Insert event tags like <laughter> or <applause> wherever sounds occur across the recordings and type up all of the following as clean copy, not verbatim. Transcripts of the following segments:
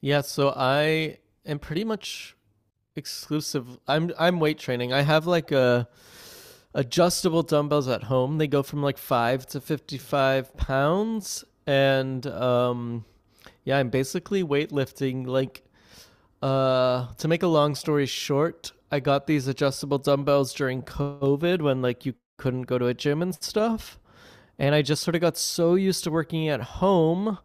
Yeah, so I am pretty much exclusive. I'm weight training. I have like a adjustable dumbbells at home. They go from like 5 to 55 pounds, and yeah, I'm basically weightlifting. Like, to make a long story short, I got these adjustable dumbbells during COVID when like you couldn't go to a gym and stuff, and I just sort of got so used to working at home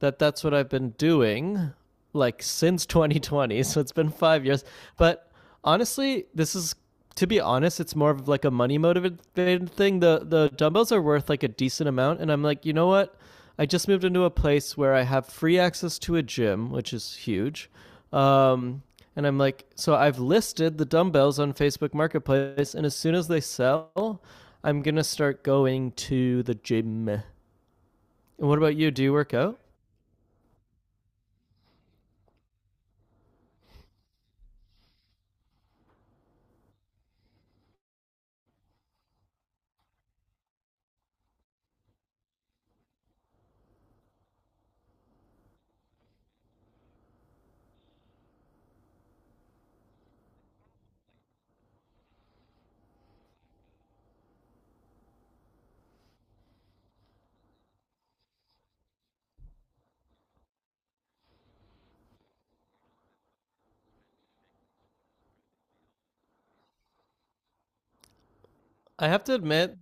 that that's what I've been doing like since <laughs> 2020. So it's been 5 years. But honestly, this is to be honest, it's more of like a money motivated thing. The dumbbells are worth like a decent amount, and I'm like, you know what? I just moved into a place where I have free access to a gym, which is huge. Um, and I'm like, so I've listed the dumbbells on Facebook Marketplace, and as soon as they sell, I'm gonna start going to the gym. And what about you? Do you work out? I have to admit,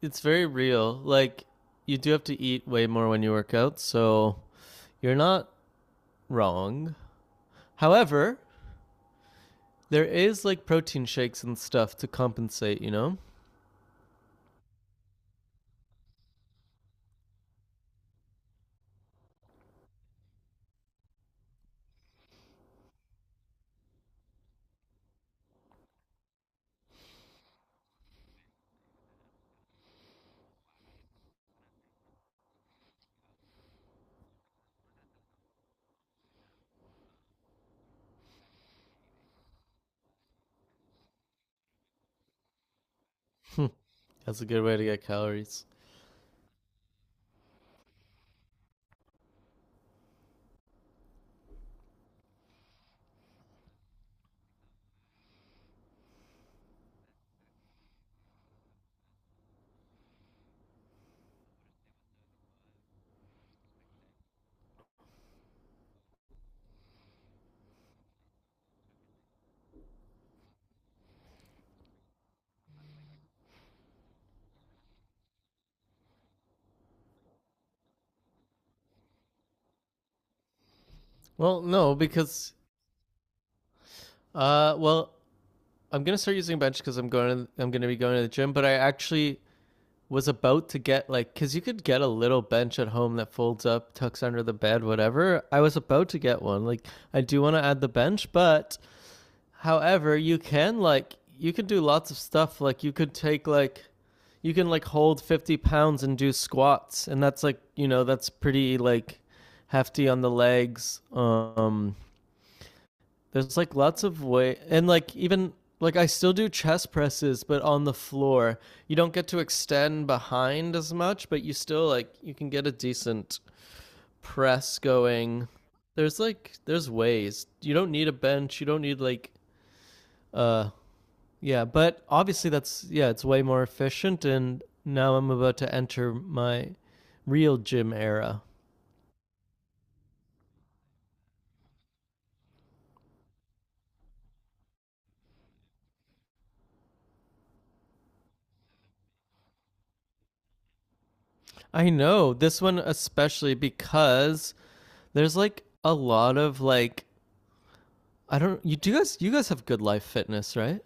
it's very real. Like, you do have to eat way more when you work out, so you're not wrong. However, there is like protein shakes and stuff to compensate, you know? That's a good way to get calories. Well, no, because well, I'm going to start using a bench cuz I'm going to be going to the gym, but I actually was about to get like cuz you could get a little bench at home that folds up, tucks under the bed, whatever. I was about to get one. Like I do want to add the bench, but however, you can like you can do lots of stuff. Like you could take like you can like hold 50 pounds and do squats, and that's like you know that's pretty like hefty on the legs. There's like lots of way, and like even like I still do chest presses, but on the floor. You don't get to extend behind as much, but you still like you can get a decent press going. There's like there's ways. You don't need a bench. You don't need like uh yeah, but obviously that's yeah, it's way more efficient, and now I'm about to enter my real gym era. I know, this one especially because there's like a lot of like I don't you guys you guys have Good Life Fitness, right?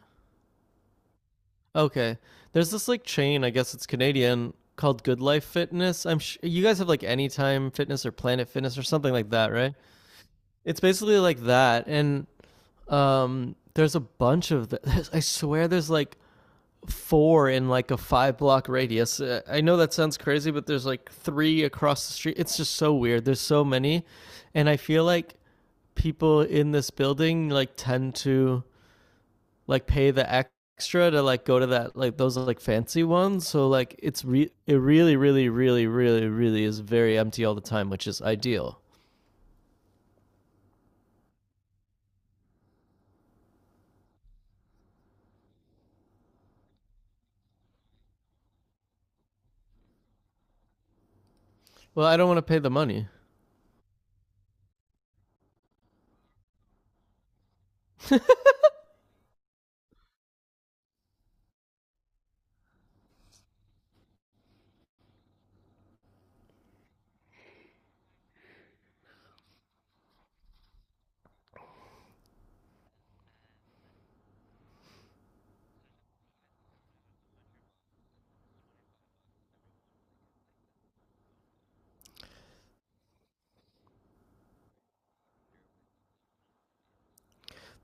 Okay. There's this like chain, I guess it's Canadian, called Good Life Fitness. I'm sh- you guys have like Anytime Fitness or Planet Fitness or something like that, right? It's basically like that, and there's a bunch of th- <laughs> I swear there's like four in like a five block radius. I know that sounds crazy, but there's like three across the street. It's just so weird. There's so many. And I feel like people in this building like tend to like pay the extra to like go to that like those like fancy ones. So like it's re- it really really really really really is very empty all the time, which is ideal. Well, I don't want to pay the money.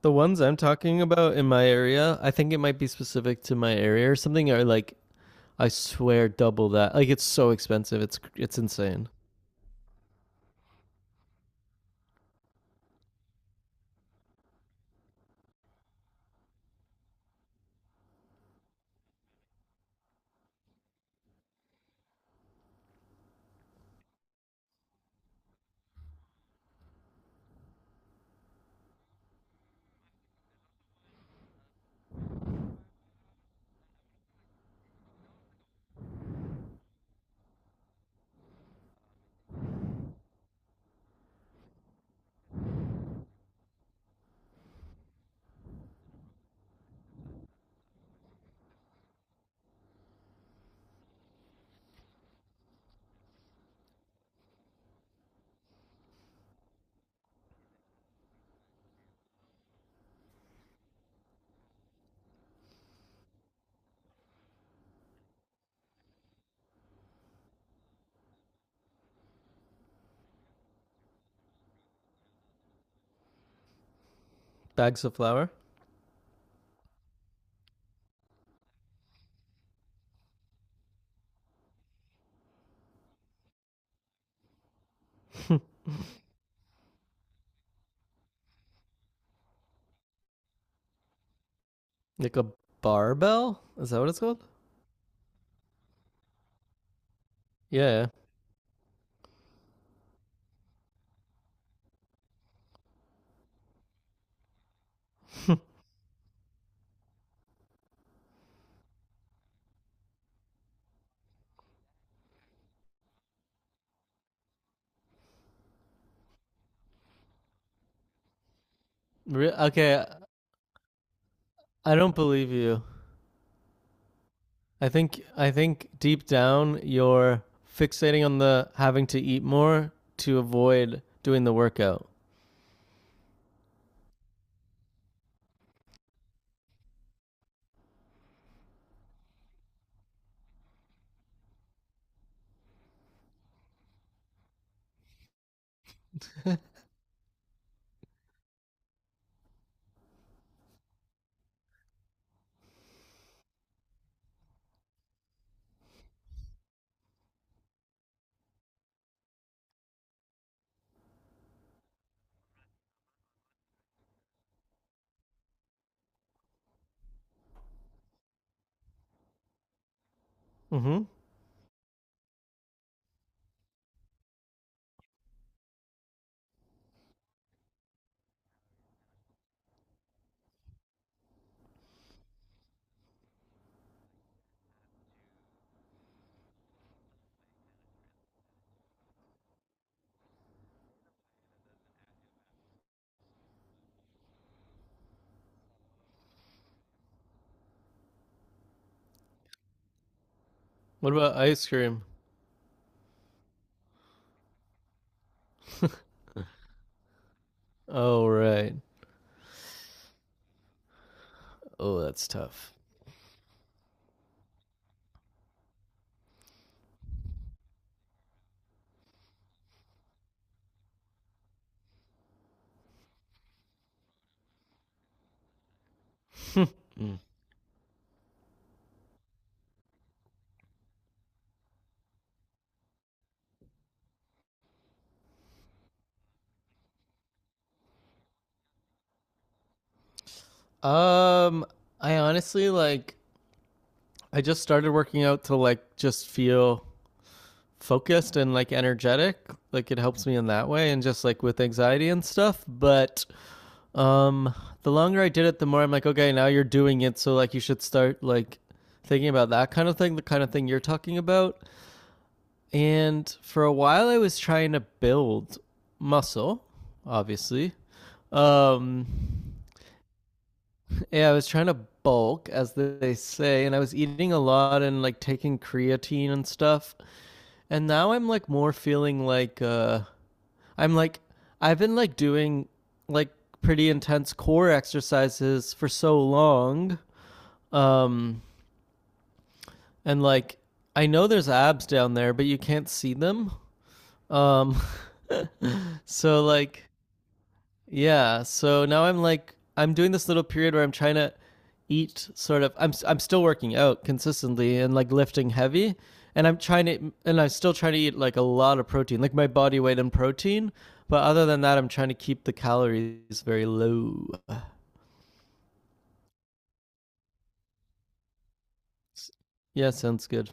The ones I'm talking about in my area, I think it might be specific to my area or something, are like I swear, double that. Like it's so expensive. It's insane. Bags of flour, like a barbell. Is that what it's called? Yeah. <laughs> Okay, I don't believe you. I think deep down you're fixating on the having to eat more to avoid doing the workout. Mm-hmm. What about ice cream? Oh right. Oh, that's tough. Um, I honestly like. I just started working out to like just feel focused and like energetic, like it helps me in that way and just like with anxiety and stuff, but um the longer I did it, the more I'm like okay, now you're doing it, so like you should start like thinking about that kind of thing, the kind of thing you're talking about, and for a while I was trying to build muscle obviously. um yeah, I was trying to bulk, as they say, and I was eating a lot and like taking creatine and stuff, and now I'm like more feeling like I'm like, I've been like doing like pretty intense core exercises for so long. Um, and like, I know there's abs down there, but you can't see them. Um, <laughs> so like, yeah, so now I'm like I'm doing this little period where I'm trying to eat sort of I'm still working out consistently and like lifting heavy, and I'm still trying to eat like a lot of protein, like my body weight in protein, but other than that I'm trying to keep the calories very low. Yeah, sounds good.